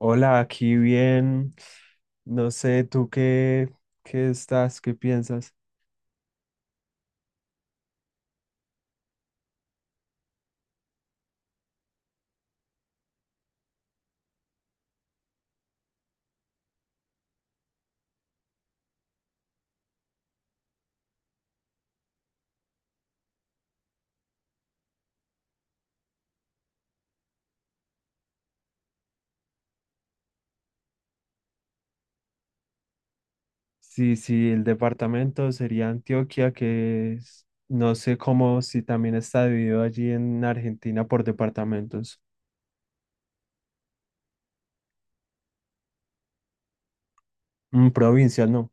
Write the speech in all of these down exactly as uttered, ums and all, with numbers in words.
Hola, aquí bien. No sé, ¿tú qué, qué estás? ¿Qué piensas? Sí, sí, el departamento sería Antioquia, que es- no sé cómo, si también está dividido allí en Argentina por departamentos. Mm, provincia, no.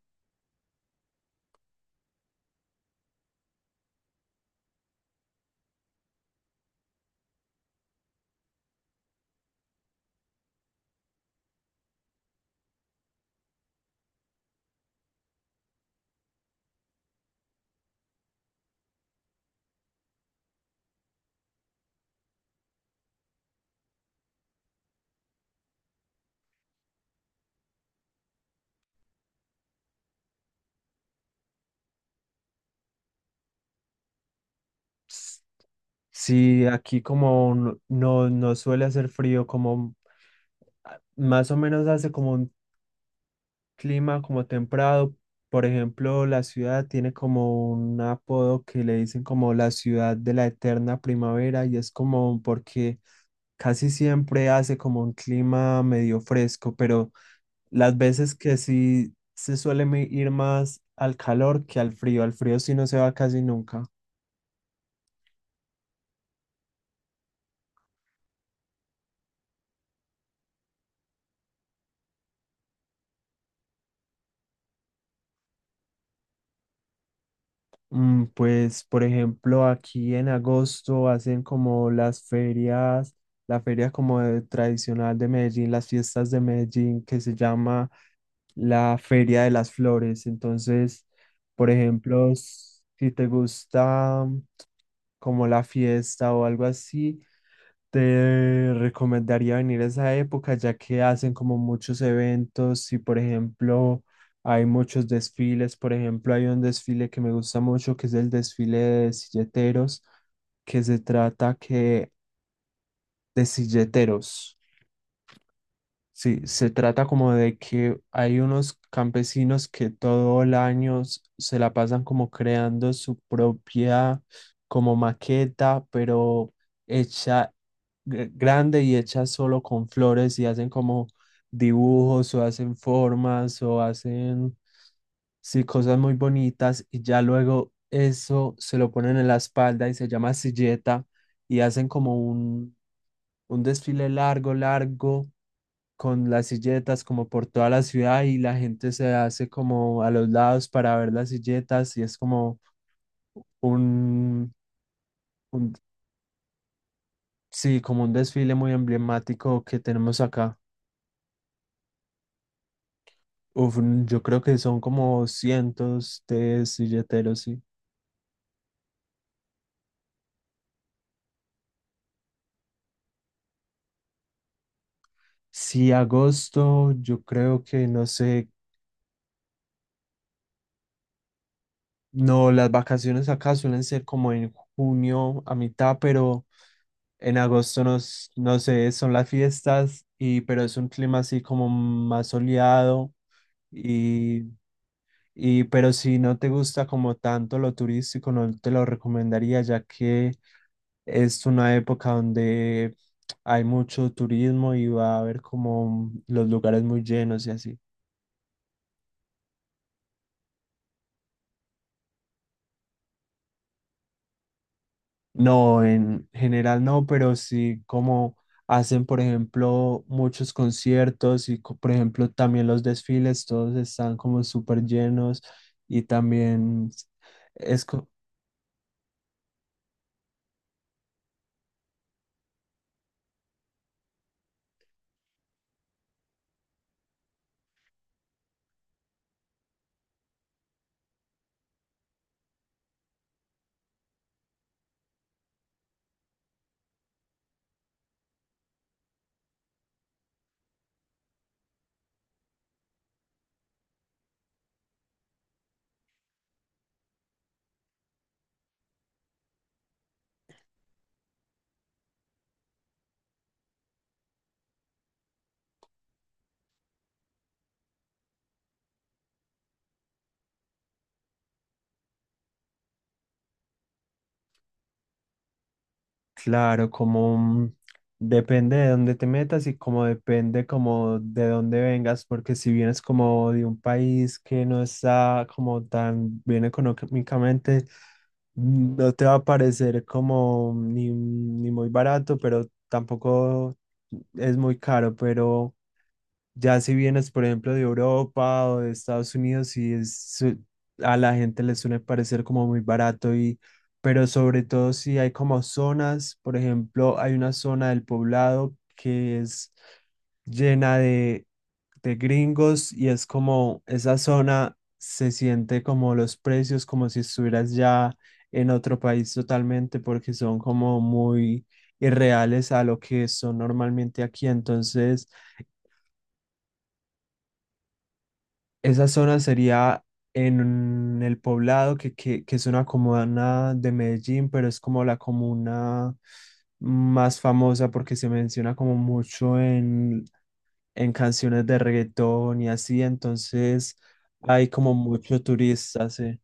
Ps, Sí, aquí como no, no no suele hacer frío, como ah, más o menos hace como un clima como templado. Por ejemplo, la ciudad tiene como un apodo que le dicen como la ciudad de la eterna primavera, y es como porque casi siempre hace como un clima medio fresco, pero las veces que sí se suele me- ir más al calor que al frío. Al frío sí no se va casi nunca. Mm, pues, por ejemplo, aquí en agosto hacen como las ferias, la feria como de- tradicional de Medellín, las fiestas de Medellín, que se llama la Feria de las Flores. Entonces, por ejemplo, s- si te gusta como la fiesta o algo así, te recomendaría venir a esa época ya que hacen como muchos eventos, y por ejemplo hay muchos desfiles. Por ejemplo, hay un desfile que me gusta mucho, que es el desfile de silleteros, que se trata que de silleteros. Sí, se trata como de que hay unos campesinos que todo el año s- se la pasan como creando su propia como maqueta, pero hecha gr- grande y hecha solo con flores, y hacen como dibujos o hacen formas o hacen, sí, cosas muy bonitas, y ya luego eso se lo ponen en la espalda y se llama silleta. Y hacen como un, un desfile largo, largo con las silletas como por toda la ciudad, y la gente se hace como a los lados para ver las silletas, y es como un, un- sí, como un desfile muy emblemático que tenemos acá. Uf, mm, yo creo que son como cientos de silleteros, sí. Sí, agosto, yo creo que no sé, no, las vacaciones acá suelen ser como en junio a mitad. Pero en agosto nos, no sé, son las fiestas, y pero es un clima así como más soleado. y, y pero si no te gusta como tanto lo turístico, no te lo recomendaría, ya que es una época donde hay mucho turismo y va a haber como los lugares muy llenos y así. No, en general no, pero sí como hacen, por ejemplo, muchos conciertos, y, co- por ejemplo, también los desfiles, todos están como súper llenos, y también es... Claro, como mm, depende de dónde te metas, y como depende como de dónde vengas, porque si vienes como de un país que no está como tan bien económicamente, mm, no te va a parecer como ni, ni muy barato, pero tampoco es muy caro. Pero ya si vienes, por ejemplo, de Europa o de Estados Unidos, y es, su- a la gente le suele parecer como muy barato, y pero sobre todo si hay como zonas. Por ejemplo, hay una zona del poblado que es llena de, de gringos, y es como esa zona, se siente como los precios, como si estuvieras ya en otro país totalmente, porque son como muy irreales a lo que son normalmente aquí. Entonces, esa zona sería en el poblado, que, que, que es una comuna de Medellín, pero es como la comuna más famosa porque se menciona como mucho en, en canciones de reggaetón y así. Entonces hay como mucho turista, sí.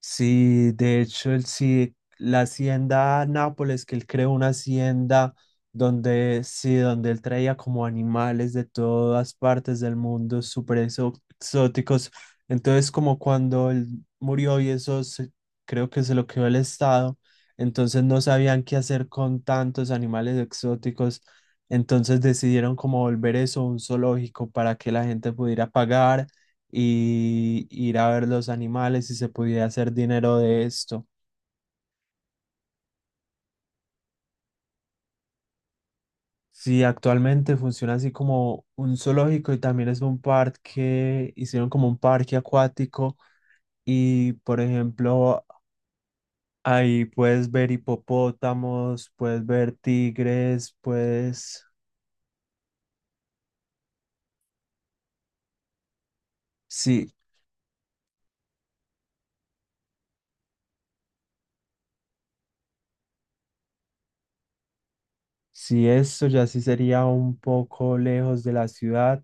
Sí, de hecho, el, sí, la hacienda Nápoles, que él creó una hacienda donde, sí, donde él traía como animales de todas partes del mundo, súper exó- exóticos. Entonces, como cuando él murió y eso se- creo que se lo quedó el Estado, entonces no sabían qué hacer con tantos animales exóticos. Entonces decidieron como volver eso un zoológico para que la gente pudiera pagar y ir a ver los animales y se pudiera hacer dinero de esto. Sí, actualmente funciona así como un zoológico, y también es un parque. Hicieron como un parque acuático, y por ejemplo ahí puedes ver hipopótamos, puedes ver tigres, puedes... Sí, sí, esto ya sí sería un poco lejos de la ciudad.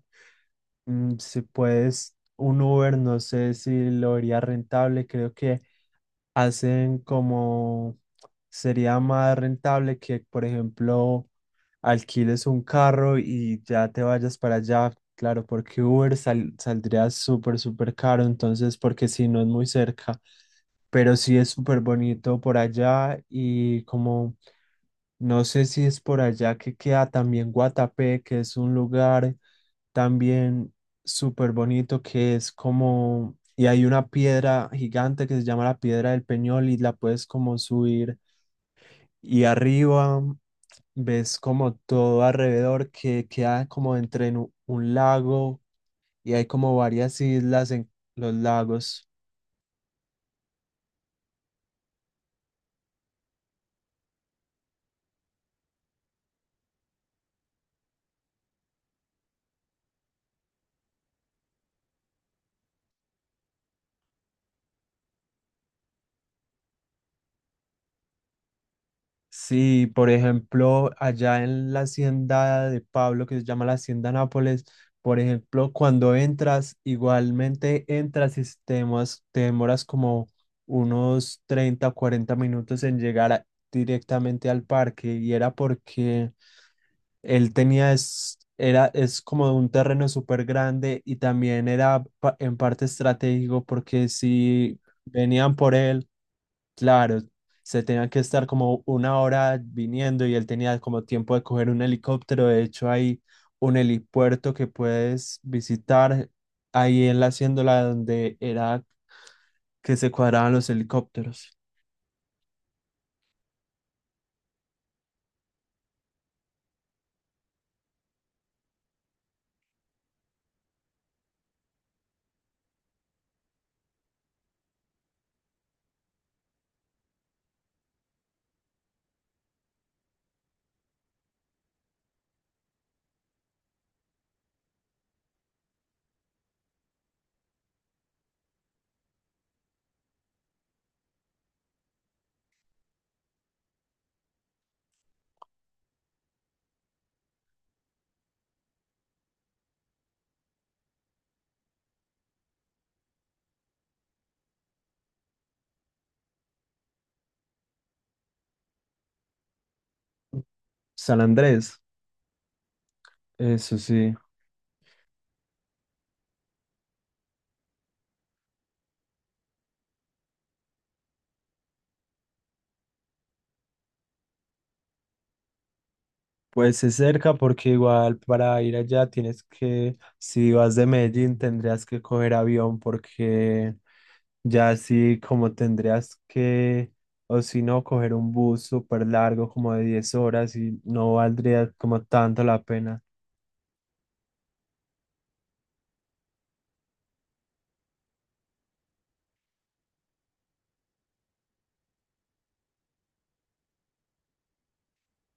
Mm, si puedes, un Uber, no sé si lo haría rentable. Creo que hacen como, sería más rentable que, por ejemplo, alquiles un carro y ya te vayas para allá. Claro, porque Uber sal- saldría súper, súper caro. Entonces, porque si no es muy cerca, pero sí es súper bonito por allá. Y como no sé si es por allá que queda también Guatapé, que es un lugar también súper bonito, que es como, y hay una piedra gigante que se llama la Piedra del Peñol, y la puedes como subir, y arriba ves como todo alrededor, que queda como entre en u- un lago, y hay como varias islas en los lagos. Sí, por ejemplo, allá en la hacienda de Pablo, que se llama la Hacienda Nápoles, por ejemplo, cuando entras, igualmente entras y te demoras, te demoras como unos treinta o cuarenta minutos en llegar a- directamente al parque, y era porque él tenía, es, era, es como un terreno súper grande. Y también era pa- en parte estratégico, porque si venían por él... Claro, se tenían que estar como una hora viniendo, y él tenía como tiempo de coger un helicóptero. De hecho, hay un helipuerto que puedes visitar ahí en la haciéndola donde era que se cuadraban los helicópteros. San Andrés, eso sí. Pues es cerca, porque igual para ir allá tienes que, si vas de Medellín, tendrías que coger avión, porque ya sí, como tendrías que, o si no, coger un bus súper largo, como de diez horas, y no valdría como tanto la pena.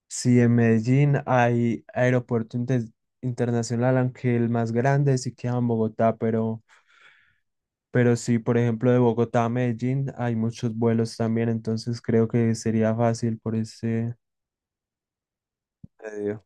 Si en Medellín hay aeropuerto inte- internacional, aunque el más grande sí queda en Bogotá. pero, pero sí, por ejemplo, de Bogotá a Medellín hay muchos vuelos también, entonces creo que sería fácil por ese medio.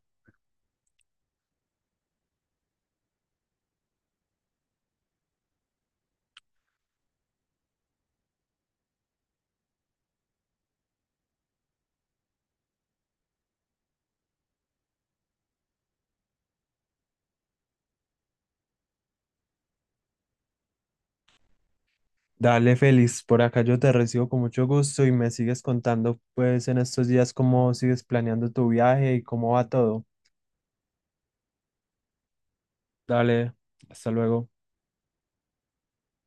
Dale, Félix, por acá yo te recibo con mucho gusto, y me sigues contando pues en estos días cómo sigues planeando tu viaje y cómo va todo. Dale, hasta luego.